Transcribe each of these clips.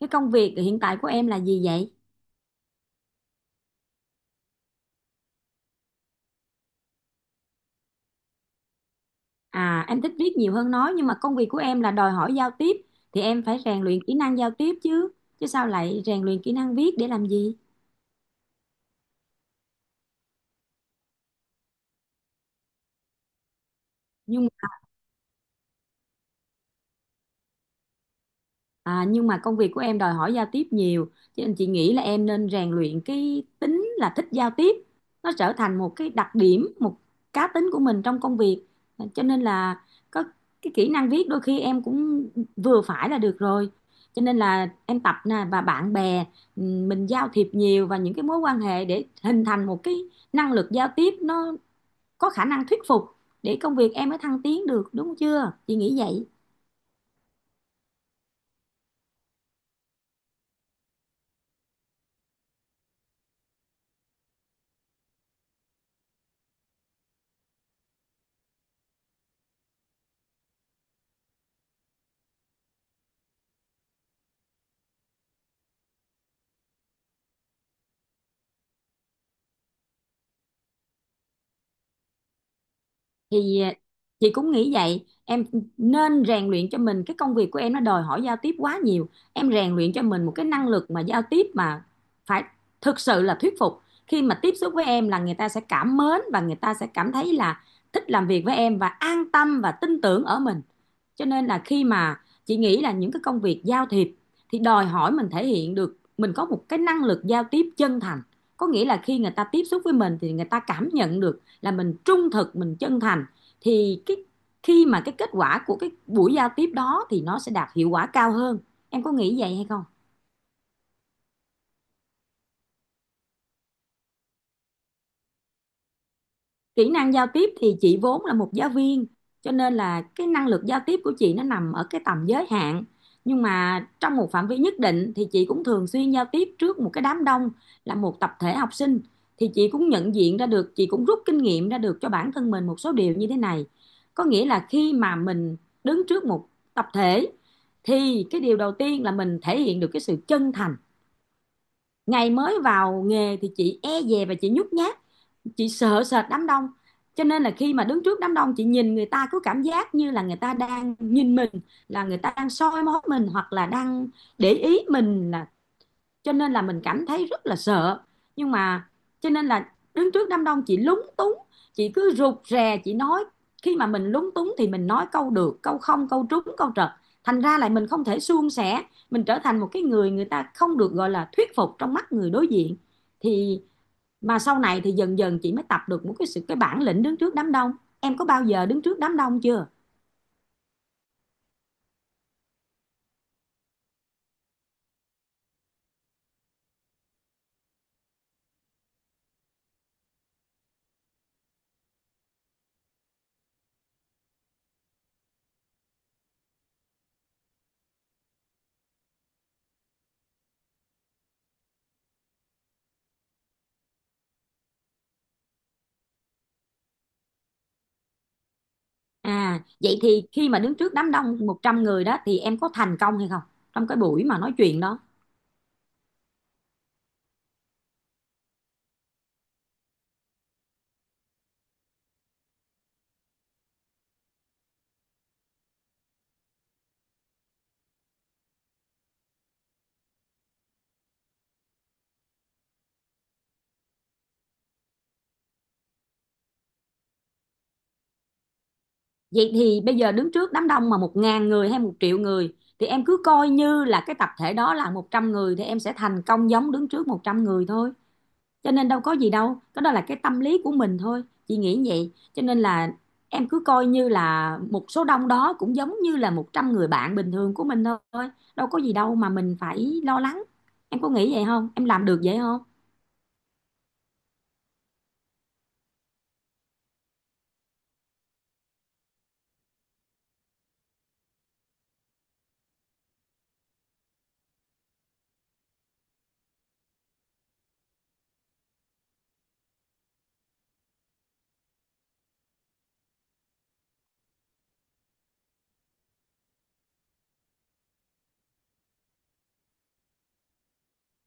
Cái công việc hiện tại của em là gì vậy? À, em thích viết nhiều hơn nói, nhưng mà công việc của em là đòi hỏi giao tiếp thì em phải rèn luyện kỹ năng giao tiếp chứ. Chứ sao lại rèn luyện kỹ năng viết để làm gì? Nhưng nhưng mà công việc của em đòi hỏi giao tiếp nhiều, cho nên chị nghĩ là em nên rèn luyện cái tính là thích giao tiếp, nó trở thành một cái đặc điểm, một cá tính của mình trong công việc. À, cho nên là có cái kỹ năng viết đôi khi em cũng vừa phải là được rồi. Cho nên là em tập nè, và bạn bè, mình giao thiệp nhiều, và những cái mối quan hệ, để hình thành một cái năng lực giao tiếp nó có khả năng thuyết phục, để công việc em mới thăng tiến được, đúng chưa, chị nghĩ vậy. Thì chị cũng nghĩ vậy. Em nên rèn luyện cho mình, cái công việc của em nó đòi hỏi giao tiếp quá nhiều, em rèn luyện cho mình một cái năng lực mà giao tiếp mà phải thực sự là thuyết phục. Khi mà tiếp xúc với em là người ta sẽ cảm mến, và người ta sẽ cảm thấy là thích làm việc với em, và an tâm và tin tưởng ở mình. Cho nên là khi mà, chị nghĩ là những cái công việc giao thiệp thì đòi hỏi mình thể hiện được mình có một cái năng lực giao tiếp chân thành. Có nghĩa là khi người ta tiếp xúc với mình thì người ta cảm nhận được là mình trung thực, mình chân thành, thì cái khi mà cái kết quả của cái buổi giao tiếp đó thì nó sẽ đạt hiệu quả cao hơn. Em có nghĩ vậy hay không? Kỹ năng giao tiếp thì chị vốn là một giáo viên, cho nên là cái năng lực giao tiếp của chị nó nằm ở cái tầm giới hạn. Nhưng mà trong một phạm vi nhất định thì chị cũng thường xuyên giao tiếp trước một cái đám đông, là một tập thể học sinh, thì chị cũng nhận diện ra được, chị cũng rút kinh nghiệm ra được cho bản thân mình một số điều như thế này. Có nghĩa là khi mà mình đứng trước một tập thể thì cái điều đầu tiên là mình thể hiện được cái sự chân thành. Ngày mới vào nghề thì chị e dè và chị nhút nhát, chị sợ sệt đám đông. Cho nên là khi mà đứng trước đám đông chị nhìn người ta cứ cảm giác như là người ta đang nhìn mình, là người ta đang soi mói mình, hoặc là đang để ý mình, là cho nên là mình cảm thấy rất là sợ. Nhưng mà cho nên là đứng trước đám đông chị lúng túng, chị cứ rụt rè chị nói. Khi mà mình lúng túng thì mình nói câu được câu không, câu trúng câu trật, thành ra lại mình không thể suôn sẻ, mình trở thành một cái người người ta không được gọi là thuyết phục trong mắt người đối diện. Thì mà sau này thì dần dần chị mới tập được một cái sự, cái bản lĩnh đứng trước đám đông. Em có bao giờ đứng trước đám đông chưa? À vậy thì khi mà đứng trước đám đông 100 người đó thì em có thành công hay không, trong cái buổi mà nói chuyện đó? Vậy thì bây giờ đứng trước đám đông mà một ngàn người hay một triệu người thì em cứ coi như là cái tập thể đó là 100 người, thì em sẽ thành công giống đứng trước 100 người thôi. Cho nên đâu có gì đâu, cái đó là cái tâm lý của mình thôi, chị nghĩ vậy. Cho nên là em cứ coi như là một số đông đó cũng giống như là 100 người bạn bình thường của mình thôi, đâu có gì đâu mà mình phải lo lắng. Em có nghĩ vậy không, em làm được vậy không?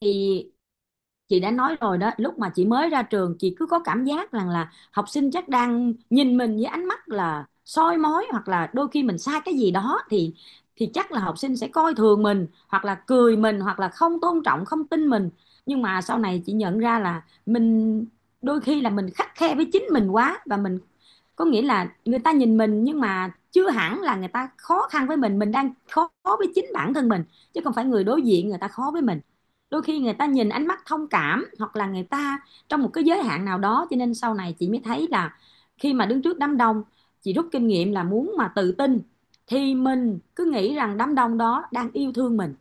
Thì chị đã nói rồi đó, lúc mà chị mới ra trường chị cứ có cảm giác rằng là học sinh chắc đang nhìn mình với ánh mắt là soi mói, hoặc là đôi khi mình sai cái gì đó thì chắc là học sinh sẽ coi thường mình, hoặc là cười mình, hoặc là không tôn trọng, không tin mình. Nhưng mà sau này chị nhận ra là mình đôi khi là mình khắt khe với chính mình quá, và mình, có nghĩa là người ta nhìn mình nhưng mà chưa hẳn là người ta khó khăn với mình đang khó với chính bản thân mình, chứ không phải người đối diện người ta khó với mình. Đôi khi người ta nhìn ánh mắt thông cảm, hoặc là người ta trong một cái giới hạn nào đó. Cho nên sau này chị mới thấy là khi mà đứng trước đám đông, chị rút kinh nghiệm là muốn mà tự tin thì mình cứ nghĩ rằng đám đông đó đang yêu thương mình,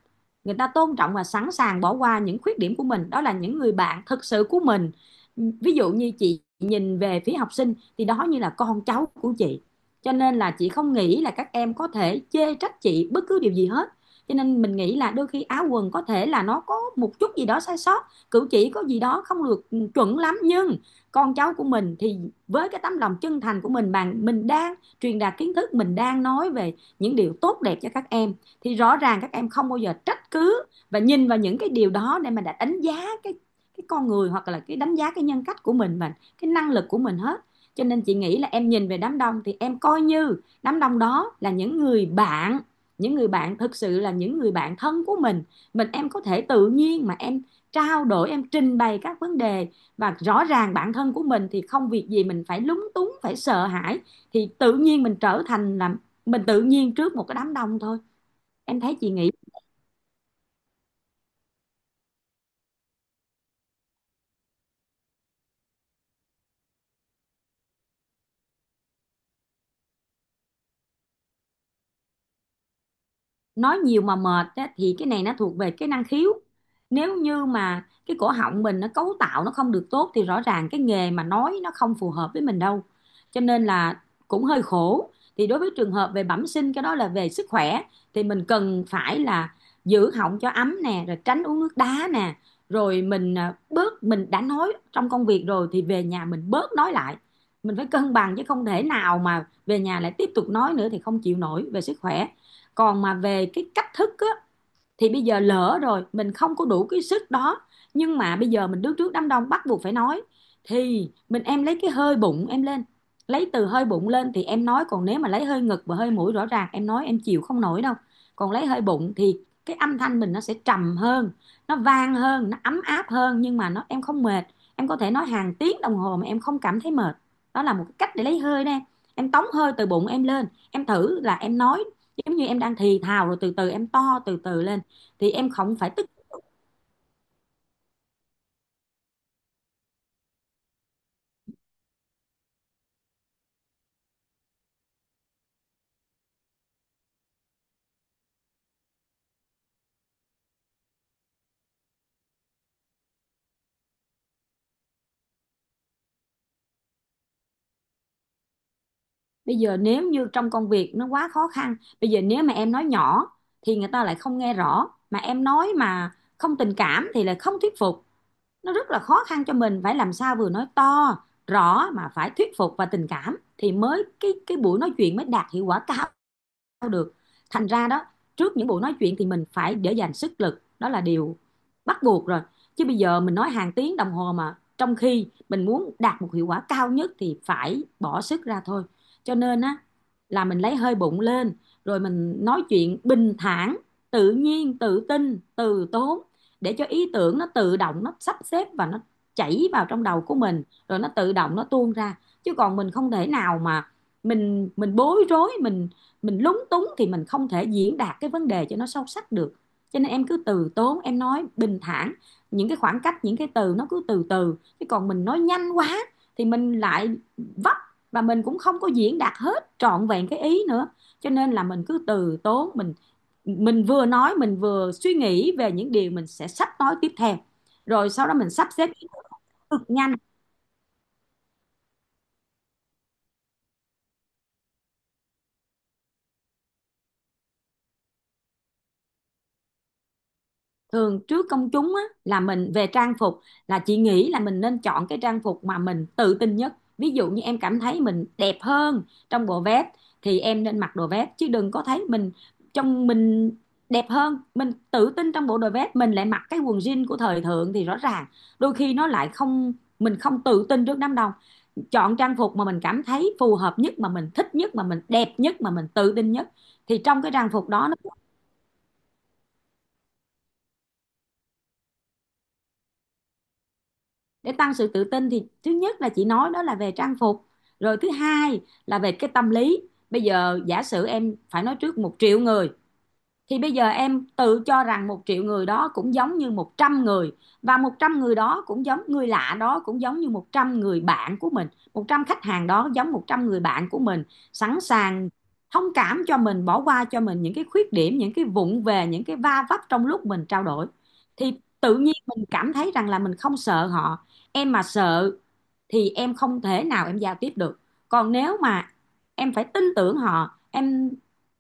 người ta tôn trọng và sẵn sàng bỏ qua những khuyết điểm của mình, đó là những người bạn thực sự của mình. Ví dụ như chị nhìn về phía học sinh thì đó như là con cháu của chị, cho nên là chị không nghĩ là các em có thể chê trách chị bất cứ điều gì hết. Cho nên mình nghĩ là đôi khi áo quần có thể là nó có một chút gì đó sai sót, cử chỉ có gì đó không được chuẩn lắm, nhưng con cháu của mình thì với cái tấm lòng chân thành của mình, mà mình đang truyền đạt kiến thức, mình đang nói về những điều tốt đẹp cho các em, thì rõ ràng các em không bao giờ trách cứ và nhìn vào những cái điều đó để mà đã đánh giá cái con người, hoặc là cái đánh giá cái nhân cách của mình, và cái năng lực của mình hết. Cho nên chị nghĩ là em nhìn về đám đông thì em coi như đám đông đó là những người bạn, những người bạn thực sự, là những người bạn thân của mình. Mình em có thể tự nhiên mà em trao đổi, em trình bày các vấn đề. Và rõ ràng bản thân của mình thì không việc gì mình phải lúng túng, phải sợ hãi, thì tự nhiên mình trở thành là, mình tự nhiên trước một cái đám đông thôi. Em thấy chị nghĩ, nói nhiều mà mệt á, thì cái này nó thuộc về cái năng khiếu. Nếu như mà cái cổ họng mình nó cấu tạo nó không được tốt thì rõ ràng cái nghề mà nói nó không phù hợp với mình đâu, cho nên là cũng hơi khổ. Thì đối với trường hợp về bẩm sinh, cái đó là về sức khỏe, thì mình cần phải là giữ họng cho ấm nè, rồi tránh uống nước đá nè, rồi mình, bớt, mình đã nói trong công việc rồi thì về nhà mình bớt nói lại. Mình phải cân bằng, chứ không thể nào mà về nhà lại tiếp tục nói nữa thì không chịu nổi về sức khỏe. Còn mà về cái cách thức á, thì bây giờ lỡ rồi mình không có đủ cái sức đó, nhưng mà bây giờ mình đứng trước đám đông bắt buộc phải nói, thì mình, em lấy cái hơi bụng em lên. Lấy từ hơi bụng lên thì em nói, còn nếu mà lấy hơi ngực và hơi mũi rõ ràng em nói em chịu không nổi đâu. Còn lấy hơi bụng thì cái âm thanh mình nó sẽ trầm hơn, nó vang hơn, nó ấm áp hơn, nhưng mà nó em không mệt. Em có thể nói hàng tiếng đồng hồ mà em không cảm thấy mệt. Đó là một cái cách để lấy hơi đó. Em tống hơi từ bụng em lên, em thử là em nói giống như em đang thì thào, rồi từ từ em to từ từ lên thì em không phải tức. Bây giờ nếu như trong công việc nó quá khó khăn, bây giờ nếu mà em nói nhỏ thì người ta lại không nghe rõ, mà em nói mà không tình cảm thì lại không thuyết phục. Nó rất là khó khăn cho mình, phải làm sao vừa nói to rõ mà phải thuyết phục và tình cảm thì mới, cái buổi nói chuyện mới đạt hiệu quả cao được. Thành ra đó, trước những buổi nói chuyện thì mình phải để dành sức lực, đó là điều bắt buộc rồi. Chứ bây giờ mình nói hàng tiếng đồng hồ mà trong khi mình muốn đạt một hiệu quả cao nhất thì phải bỏ sức ra thôi. Cho nên á là mình lấy hơi bụng lên rồi mình nói chuyện bình thản, tự nhiên, tự tin, từ tốn để cho ý tưởng nó tự động nó sắp xếp và nó chảy vào trong đầu của mình, rồi nó tự động nó tuôn ra. Chứ còn mình không thể nào mà mình bối rối, mình lúng túng thì mình không thể diễn đạt cái vấn đề cho nó sâu sắc được. Cho nên em cứ từ tốn, em nói bình thản, những cái khoảng cách, những cái từ nó cứ từ từ. Chứ còn mình nói nhanh quá thì mình lại vấp và mình cũng không có diễn đạt hết trọn vẹn cái ý nữa. Cho nên là mình cứ từ tốn, mình vừa nói mình vừa suy nghĩ về những điều mình sẽ sắp nói tiếp theo, rồi sau đó mình sắp xếp cực nhanh. Thường trước công chúng á, là mình về trang phục, là chị nghĩ là mình nên chọn cái trang phục mà mình tự tin nhất. Ví dụ như em cảm thấy mình đẹp hơn trong bộ vest thì em nên mặc đồ vest, chứ đừng có thấy mình trong mình đẹp hơn, mình tự tin trong bộ đồ vest mình lại mặc cái quần jean của thời thượng thì rõ ràng đôi khi nó lại không, mình không tự tin trước đám đông. Chọn trang phục mà mình cảm thấy phù hợp nhất, mà mình thích nhất, mà mình đẹp nhất, mà mình tự tin nhất thì trong cái trang phục đó nó. Để tăng sự tự tin thì thứ nhất là chị nói đó là về trang phục, rồi thứ hai là về cái tâm lý. Bây giờ giả sử em phải nói trước 1 triệu người thì bây giờ em tự cho rằng 1 triệu người đó cũng giống như 100 người, và 100 người đó cũng giống người lạ đó, cũng giống như 100 người bạn của mình. 100 khách hàng đó giống 100 người bạn của mình, sẵn sàng thông cảm cho mình, bỏ qua cho mình những cái khuyết điểm, những cái vụng về, những cái va vấp trong lúc mình trao đổi, thì tự nhiên mình cảm thấy rằng là mình không sợ họ. Em mà sợ thì em không thể nào em giao tiếp được. Còn nếu mà em phải tin tưởng họ, em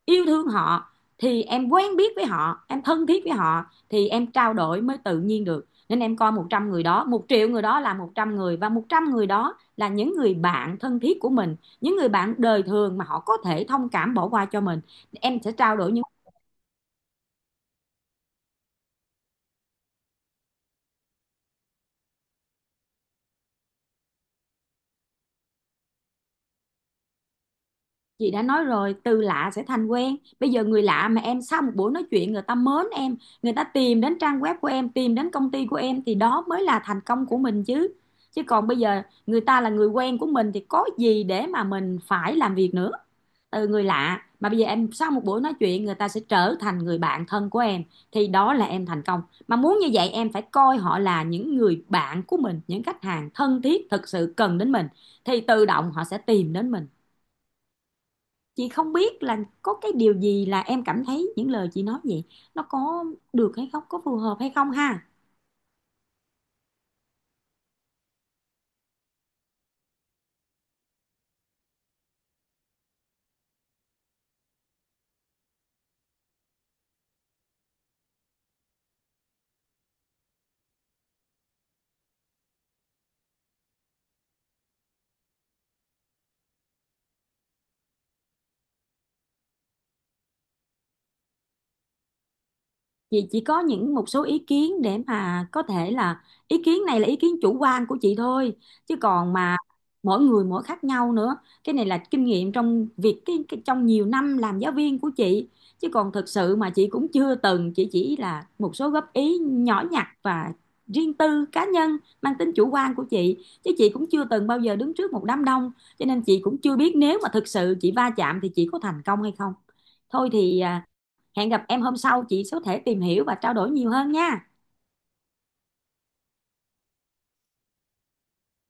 yêu thương họ, thì em quen biết với họ, em thân thiết với họ thì em trao đổi mới tự nhiên được. Nên em coi 100 người đó, 1 triệu người đó là 100 người, và 100 người đó là những người bạn thân thiết của mình, những người bạn đời thường mà họ có thể thông cảm bỏ qua cho mình. Em sẽ trao đổi. Chị đã nói rồi, từ lạ sẽ thành quen. Bây giờ người lạ mà em sau một buổi nói chuyện người ta mến em, người ta tìm đến trang web của em, tìm đến công ty của em thì đó mới là thành công của mình chứ. Chứ còn bây giờ người ta là người quen của mình thì có gì để mà mình phải làm việc nữa. Từ người lạ mà bây giờ em sau một buổi nói chuyện người ta sẽ trở thành người bạn thân của em, thì đó là em thành công. Mà muốn như vậy em phải coi họ là những người bạn của mình, những khách hàng thân thiết thực sự cần đến mình, thì tự động họ sẽ tìm đến mình. Chị không biết là có cái điều gì là em cảm thấy những lời chị nói vậy nó có được hay không, có phù hợp hay không ha. Chị chỉ có những một số ý kiến để mà có thể là ý kiến này là ý kiến chủ quan của chị thôi, chứ còn mà mỗi người mỗi khác nhau nữa. Cái này là kinh nghiệm trong việc cái trong nhiều năm làm giáo viên của chị. Chứ còn thực sự mà chị cũng chưa từng, chị chỉ là một số góp ý nhỏ nhặt và riêng tư cá nhân mang tính chủ quan của chị. Chứ chị cũng chưa từng bao giờ đứng trước một đám đông, cho nên chị cũng chưa biết nếu mà thực sự chị va chạm thì chị có thành công hay không. Thôi thì hẹn gặp em hôm sau chị có thể tìm hiểu và trao đổi nhiều hơn nha